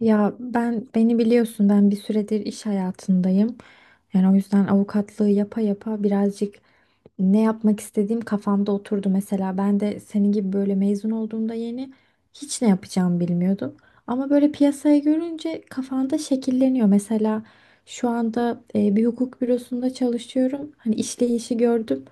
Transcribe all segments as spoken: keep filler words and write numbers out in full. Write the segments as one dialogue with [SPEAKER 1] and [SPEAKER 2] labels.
[SPEAKER 1] Ya ben beni biliyorsun ben bir süredir iş hayatındayım. Yani o yüzden avukatlığı yapa yapa birazcık ne yapmak istediğim kafamda oturdu. Mesela ben de senin gibi böyle mezun olduğumda yeni hiç ne yapacağımı bilmiyordum. Ama böyle piyasayı görünce kafanda şekilleniyor. Mesela şu anda e, bir hukuk bürosunda çalışıyorum. Hani işleyişi gördüm.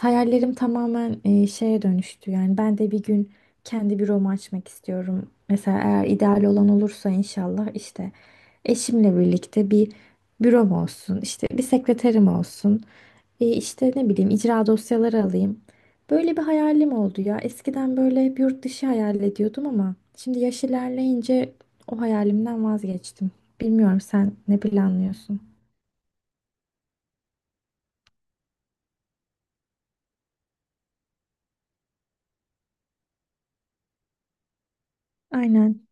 [SPEAKER 1] Hayallerim tamamen e, şeye dönüştü. Yani ben de bir gün kendi büromu açmak istiyorum. Mesela eğer ideal olan olursa inşallah işte eşimle birlikte bir bürom olsun, işte bir sekreterim olsun, e işte ne bileyim icra dosyaları alayım. Böyle bir hayalim oldu ya. Eskiden böyle hep yurt dışı hayal ediyordum ama şimdi yaş ilerleyince o hayalimden vazgeçtim. Bilmiyorum, sen ne planlıyorsun? Aynen.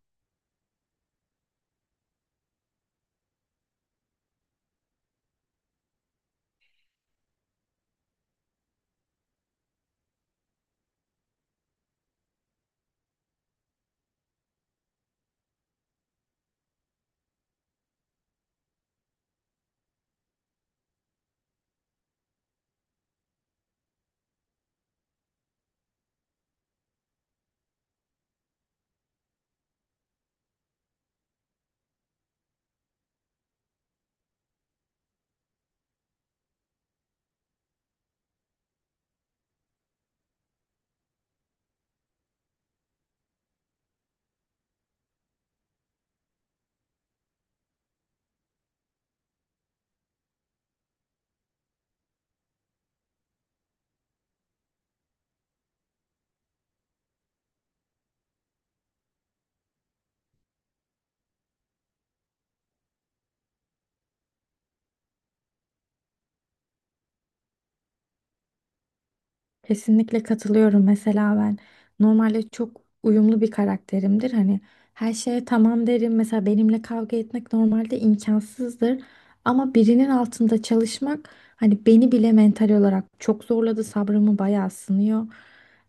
[SPEAKER 1] Kesinlikle katılıyorum. Mesela ben normalde çok uyumlu bir karakterimdir. Hani her şeye tamam derim. Mesela benimle kavga etmek normalde imkansızdır. Ama birinin altında çalışmak hani beni bile mental olarak çok zorladı. Sabrımı bayağı sınıyor.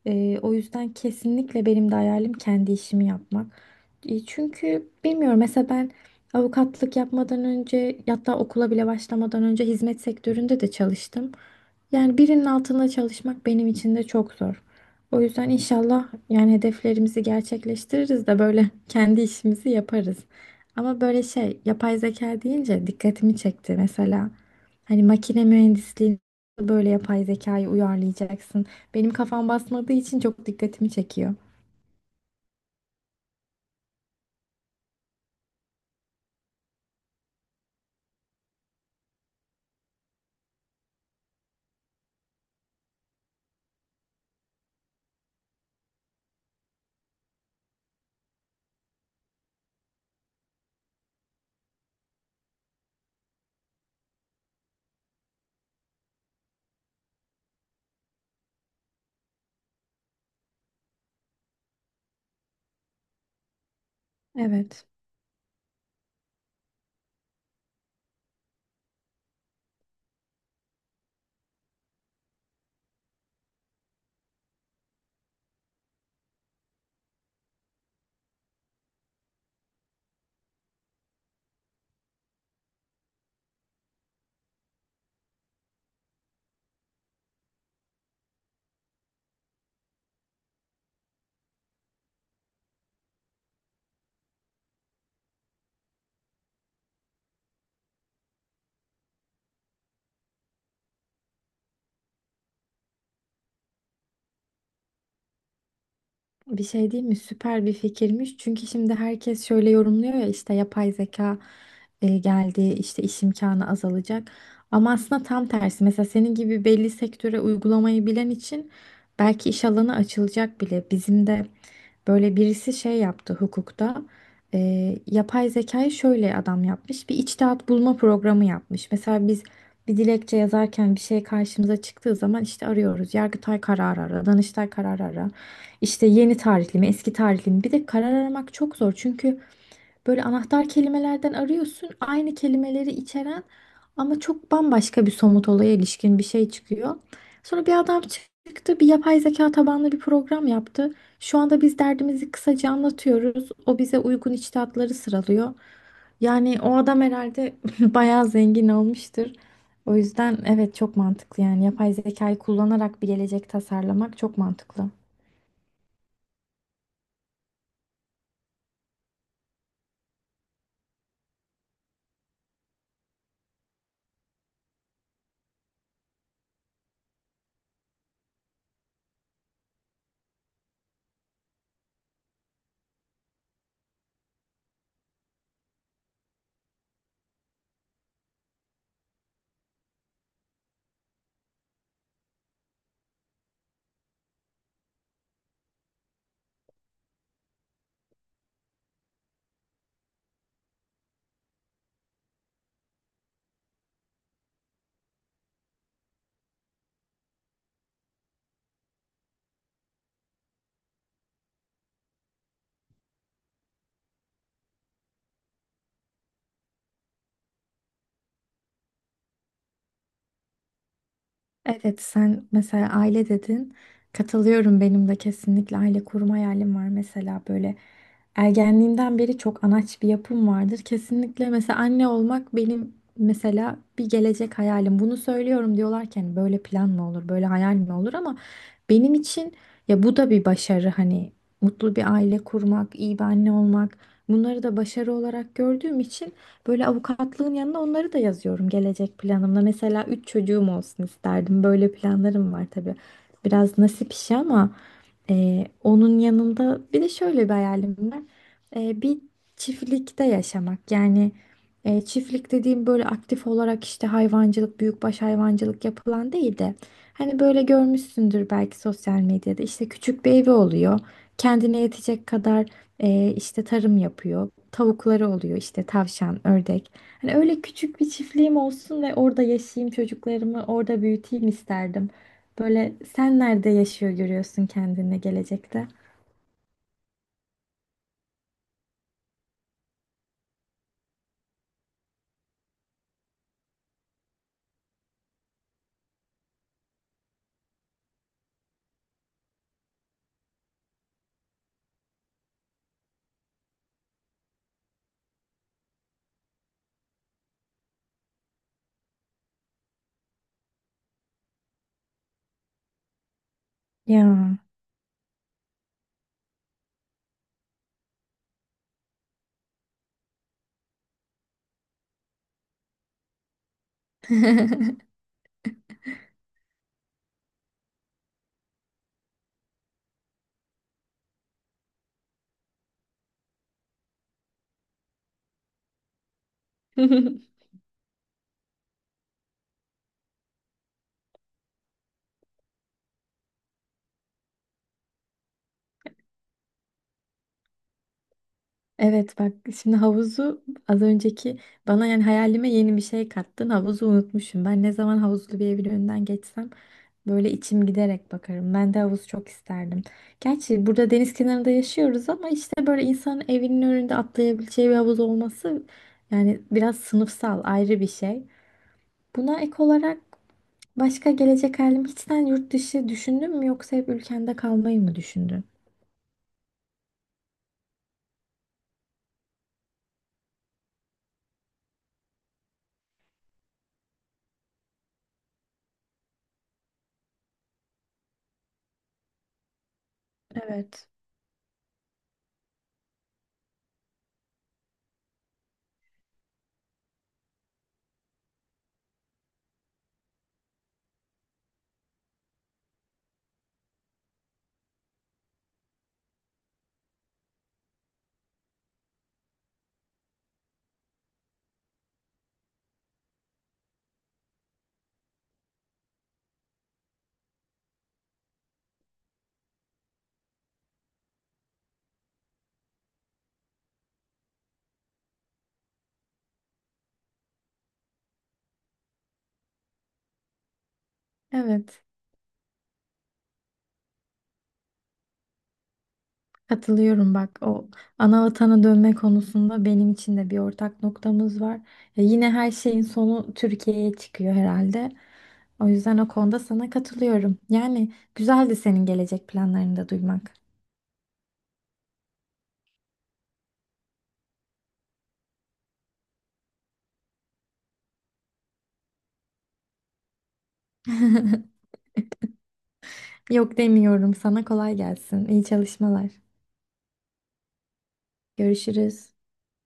[SPEAKER 1] Ee, o yüzden kesinlikle benim de hayalim kendi işimi yapmak. E, çünkü bilmiyorum, mesela ben avukatlık yapmadan önce hatta okula bile başlamadan önce hizmet sektöründe de çalıştım. Yani birinin altında çalışmak benim için de çok zor. O yüzden inşallah yani hedeflerimizi gerçekleştiririz de böyle kendi işimizi yaparız. Ama böyle şey, yapay zeka deyince dikkatimi çekti mesela. Hani makine mühendisliğini böyle yapay zekayı uyarlayacaksın. Benim kafam basmadığı için çok dikkatimi çekiyor. Evet. Bir şey değil mi? Süper bir fikirmiş. Çünkü şimdi herkes şöyle yorumluyor ya, işte yapay zeka e, geldi, işte iş imkanı azalacak. Ama aslında tam tersi. Mesela senin gibi belli sektöre uygulamayı bilen için belki iş alanı açılacak bile. Bizim de böyle birisi şey yaptı hukukta. E, Yapay zekayı şöyle adam yapmış. Bir içtihat bulma programı yapmış. Mesela biz bir dilekçe yazarken bir şey karşımıza çıktığı zaman işte arıyoruz. Yargıtay kararı ara, Danıştay kararı ara. İşte yeni tarihli mi, eski tarihli mi? Bir de karar aramak çok zor. Çünkü böyle anahtar kelimelerden arıyorsun. Aynı kelimeleri içeren ama çok bambaşka bir somut olaya ilişkin bir şey çıkıyor. Sonra bir adam çıktı, bir yapay zeka tabanlı bir program yaptı. Şu anda biz derdimizi kısaca anlatıyoruz, o bize uygun içtihatları sıralıyor. Yani o adam herhalde bayağı zengin olmuştur. O yüzden evet, çok mantıklı yani, yapay zekayı kullanarak bir gelecek tasarlamak çok mantıklı. Evet, sen mesela aile dedin. Katılıyorum, benim de kesinlikle aile kurma hayalim var. Mesela böyle ergenliğimden beri çok anaç bir yapım vardır. Kesinlikle mesela anne olmak benim mesela bir gelecek hayalim. Bunu söylüyorum diyorlarken böyle plan mı olur, böyle hayal mi olur ama benim için ya bu da bir başarı hani, mutlu bir aile kurmak, iyi bir anne olmak, bunları da başarı olarak gördüğüm için böyle avukatlığın yanına onları da yazıyorum gelecek planımda. Mesela üç çocuğum olsun isterdim. Böyle planlarım var tabii. Biraz nasip işi ama e, onun yanında bir de şöyle bir hayalim var. E, bir çiftlikte yaşamak. Yani e, çiftlik dediğim böyle aktif olarak işte hayvancılık, büyükbaş hayvancılık yapılan değil de hani böyle görmüşsündür belki sosyal medyada, işte küçük bir evi oluyor. Kendine yetecek kadar ee, işte tarım yapıyor. Tavukları oluyor, işte tavşan, ördek. Hani öyle küçük bir çiftliğim olsun ve orada yaşayayım, çocuklarımı orada büyüteyim isterdim. Böyle sen nerede yaşıyor görüyorsun kendini gelecekte? Ya. Evet, bak şimdi havuzu, az önceki bana yani hayalime yeni bir şey kattın, havuzu unutmuşum. Ben ne zaman havuzlu bir evin önünden geçsem böyle içim giderek bakarım. Ben de havuz çok isterdim. Gerçi burada deniz kenarında yaşıyoruz ama işte böyle insanın evinin önünde atlayabileceği bir havuz olması, yani biraz sınıfsal ayrı bir şey. Buna ek olarak başka gelecek halim hiçten, yurt dışı düşündün mü yoksa hep ülkende kalmayı mı düşündün? Evet. Evet. Katılıyorum, bak o ana vatana dönme konusunda benim için de bir ortak noktamız var. Ya yine her şeyin sonu Türkiye'ye çıkıyor herhalde. O yüzden o konuda sana katılıyorum. Yani güzeldi senin gelecek planlarını da duymak. Yok, demiyorum, sana kolay gelsin. İyi çalışmalar. Görüşürüz.